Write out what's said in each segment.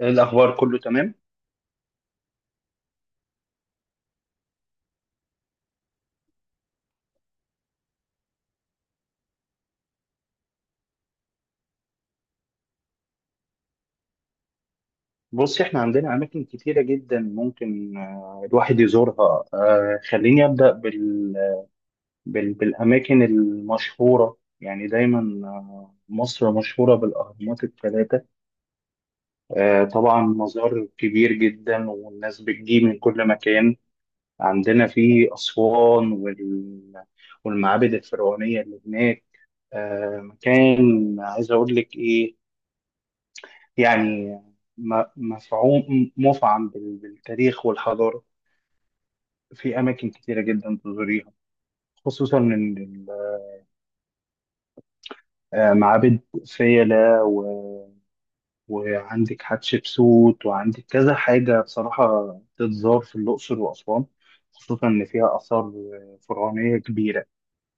إيه الأخبار، كله تمام؟ بص، احنا عندنا أماكن كتيرة جدا ممكن، الواحد يزورها. خليني أبدأ بالأماكن المشهورة. يعني دايما مصر مشهورة بالأهرامات الثلاثة. طبعا مزار كبير جدا، والناس بتجي من كل مكان. عندنا في أسوان والمعابد الفرعونية اللي هناك. مكان، عايز أقول لك إيه، يعني م- مفعوم مفعم بالتاريخ والحضارة. في أماكن كتيرة جدا تزوريها، خصوصا إن المعابد فيلة، وعندك حتشبسوت، وعندك كذا حاجة بصراحة تتزار في الأقصر وأسوان، خصوصا إن فيها آثار فرعونية كبيرة.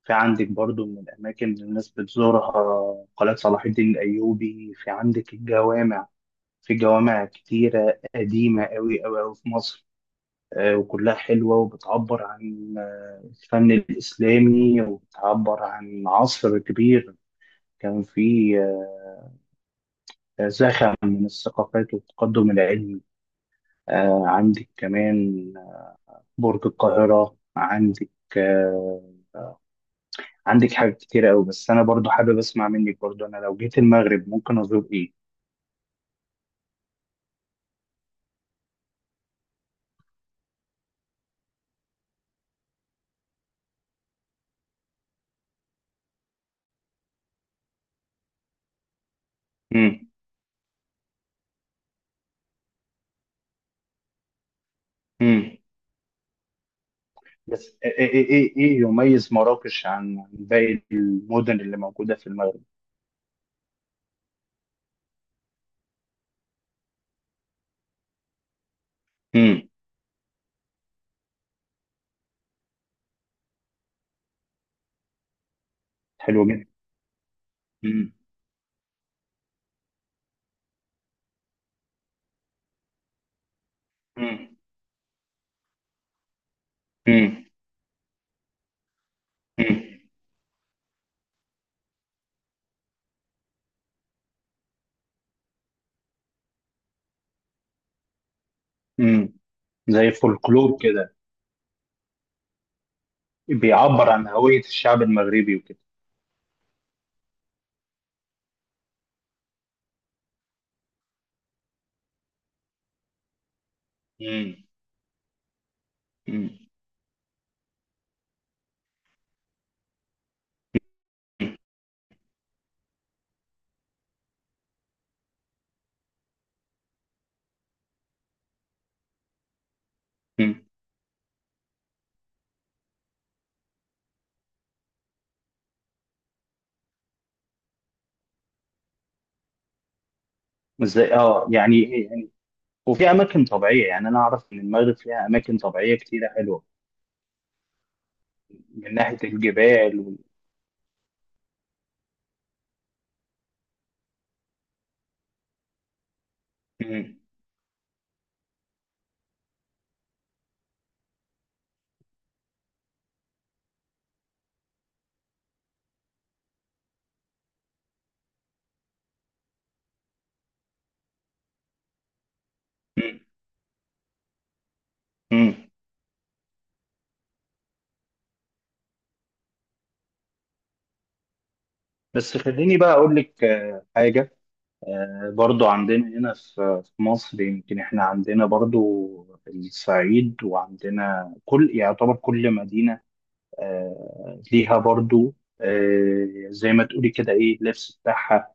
في عندك برضو من الأماكن اللي الناس بتزورها قلعة صلاح الدين الأيوبي، في عندك الجوامع. في جوامع كتيرة قديمة أوي أوي أوي في مصر، وكلها حلوة، وبتعبر عن الفن الإسلامي، وبتعبر عن عصر كبير كان فيه زخم من الثقافات والتقدم العلمي. عندك كمان برج القاهرة. آه، عندك حاجات كتير أوي. بس أنا برضو حابب أسمع منك، برضو أنا لو جيت المغرب ممكن أزور إيه؟ مم. مم. بس إيه يميز مراكش عن باقي المدن اللي موجودة في المغرب؟ مم. حلو جدا. مم. مم. امم. امم. امم. زي فولكلور كده، بيعبر عن هوية الشعب المغربي وكده. امم. امم. امم. ازاي، وفي اماكن طبيعية، يعني انا اعرف ان المغرب فيها اماكن طبيعية كتيرة حلوة، من ناحية الجبال امم. امم. امم. بس خليني بقى اقول لك حاجة. برضو عندنا هنا في مصر، يمكن احنا عندنا برضو الصعيد، وعندنا يعتبر كل مدينة ليها برضو، زي ما تقولي كده، ايه اللبس بتاعها.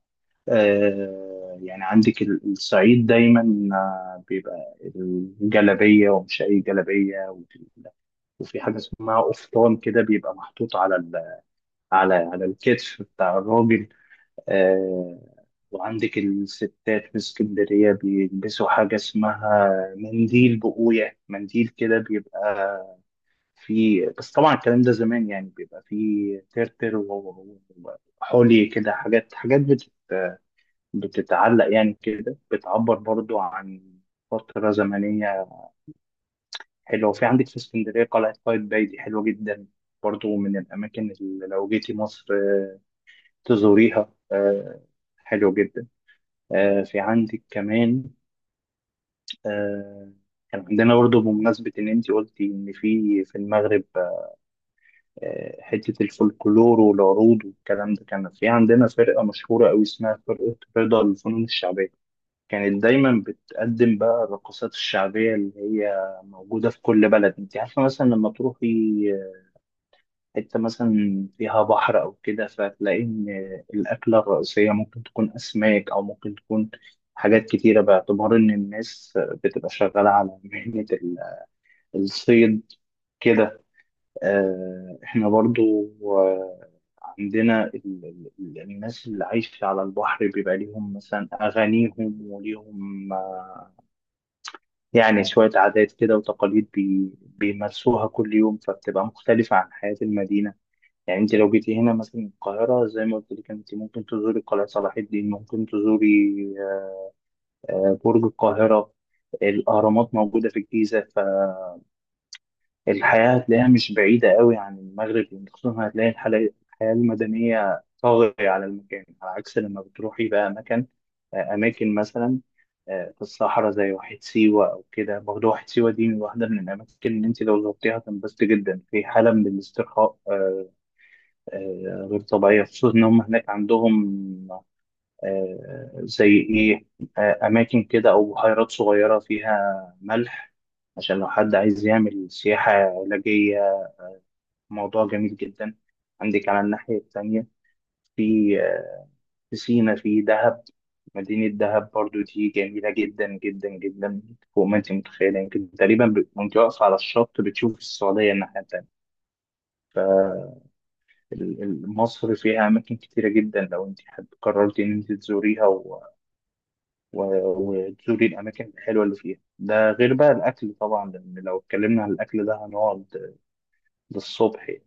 يعني عندك الصعيد دايما بيبقى الجلابية، ومش أي جلابية. وفي حاجة اسمها قفطان كده، بيبقى محطوط على الكتف بتاع الراجل. آه، وعندك الستات في اسكندرية بيلبسوا حاجة اسمها منديل بقوية، منديل كده بيبقى في. بس طبعا الكلام ده زمان، يعني بيبقى فيه ترتر وحولي كده، حاجات بتتعلق يعني كده، بتعبر برضو عن فترة زمنية حلوة. وفي عندك في اسكندرية قلعة قايتباي، دي حلوة جدا، برضو من الأماكن اللي لو جيتي مصر تزوريها. حلو جدا. آه، في عندك كمان آه، كان عندنا برضو، بمناسبة إن أنت قلتي إن في المغرب حتة الفولكلور والعروض والكلام ده، كان في عندنا فرقة مشهورة أوي اسمها فرقة رضا للفنون الشعبية. كانت دايما بتقدم بقى الرقصات الشعبية اللي هي موجودة في كل بلد. انت عارفة مثلا لما تروحي حتة مثلا فيها بحر أو كده، فتلاقي إن الأكلة الرئيسية ممكن تكون أسماك، أو ممكن تكون حاجات كتيرة، باعتبار إن الناس بتبقى شغالة على مهنة الصيد كده. احنا برضو عندنا الناس اللي عايشة على البحر بيبقى ليهم مثلا أغانيهم، وليهم يعني شوية عادات كده وتقاليد بيمارسوها كل يوم، فبتبقى مختلفة عن حياة المدينة. يعني انت لو جيتي هنا مثلا القاهرة، زي ما قلت لك انت ممكن تزوري قلعة صلاح الدين، ممكن تزوري برج القاهرة. الأهرامات موجودة في الجيزة. الحياة هتلاقيها مش بعيدة قوي عن المغرب، يعني خصوصا هتلاقي الحياة المدنية طاغية على المكان، على عكس لما بتروحي بقى مكان، أماكن مثلا في الصحراء، زي واحد سيوة أو كده، برضه واحد سيوة دي واحدة من الأماكن اللي أنت لو زرتيها هتنبسطي جدا، في حالة من الاسترخاء غير طبيعية، خصوصا إن هم هناك عندهم زي إيه، أماكن كده أو بحيرات صغيرة فيها ملح، عشان لو حد عايز يعمل سياحة علاجية. موضوع جميل جدا. عندك على الناحية التانية في سينا، في دهب. مدينة دهب برضو دي جميلة جدا جدا جدا، فوق ما انت متخيلة. يمكن تقريبا وانت واقفة على الشط بتشوف السعودية الناحية التانية. فمصر فيها أماكن كتيرة جدا، لو انت قررتي ان انت تزوريها و... وتزوري الأماكن الحلوة اللي فيها، ده غير بقى الأكل طبعا، لأن لو اتكلمنا عن الأكل ده هنقعد للصبح يعني.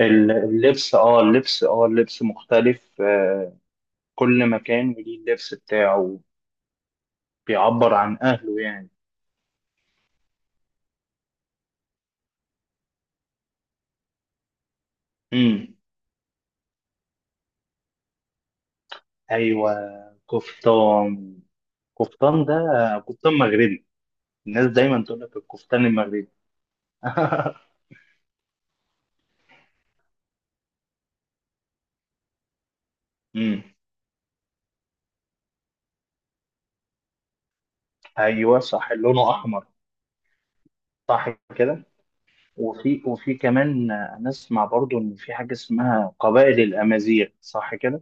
اللبس مختلف، كل مكان وليه اللبس بتاعه، بيعبر عن أهله يعني. امم. أيوة. كفتان كفتان ده كفتان مغربي. الناس دايما تقول لك الكفتان المغربي. امم. أيوة، صح، لونه أحمر. صح كده. وفي كمان أنا أسمع برضو إن في حاجة اسمها قبائل الأمازيغ، صح كده؟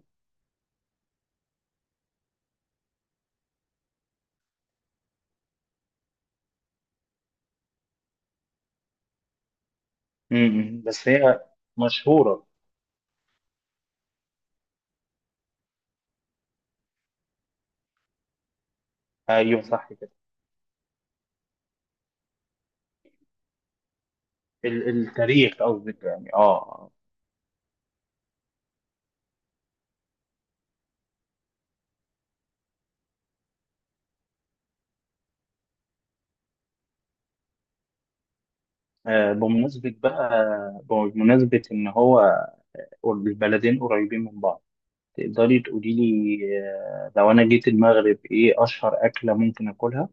امم. بس هي مشهورة. أيوة، صح كده. التاريخ قصدك، يعني اه. آه، بمناسبة بقى بمناسبة إن هو البلدين قريبين من بعض، تقدري تقولي لي لو أنا جيت المغرب إيه أشهر أكلة ممكن آكلها؟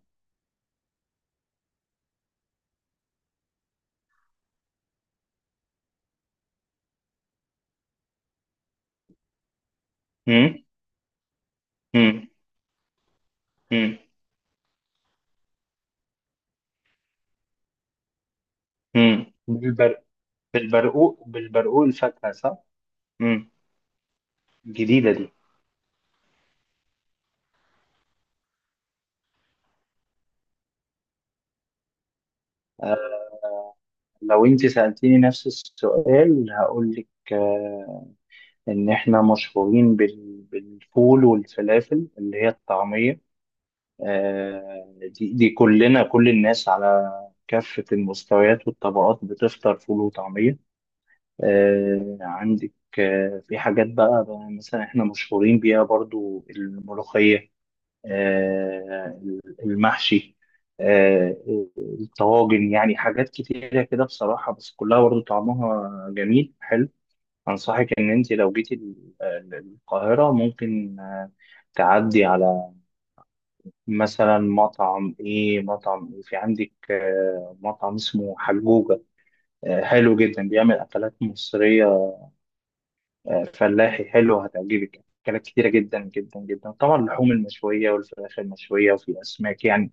مم؟ مم؟ مم؟ مم؟ بالبرقوق، الفاكهة، صح؟ مم. جديدة دي. لو أنت سألتيني نفس السؤال هقول لك إن إحنا مشهورين بالفول والفلافل اللي هي الطعمية. آه، دي كلنا، كل الناس على كافة المستويات والطبقات بتفطر فول وطعمية. عندك في حاجات بقى مثلا احنا مشهورين بيها برضو الملوخية، آه، المحشي، آه، الطواجن، يعني حاجات كتيرة كده بصراحة، بس كلها برضو طعمها جميل حلو. أنصحك إن أنت لو جيتي القاهرة ممكن تعدي على مثلا مطعم ايه مطعم ايه في عندك مطعم اسمه حجوجة، حلو جدا بيعمل اكلات مصرية فلاحي، حلو هتعجبك اكلات كتيرة جدا جدا جدا، طبعا اللحوم المشوية، والفراخ المشوية، وفي اسماك يعني،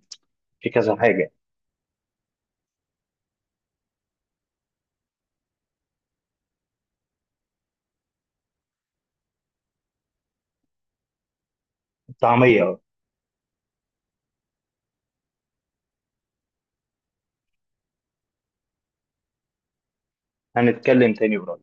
في كذا حاجة. طعمية. هنتكلم تاني قريب.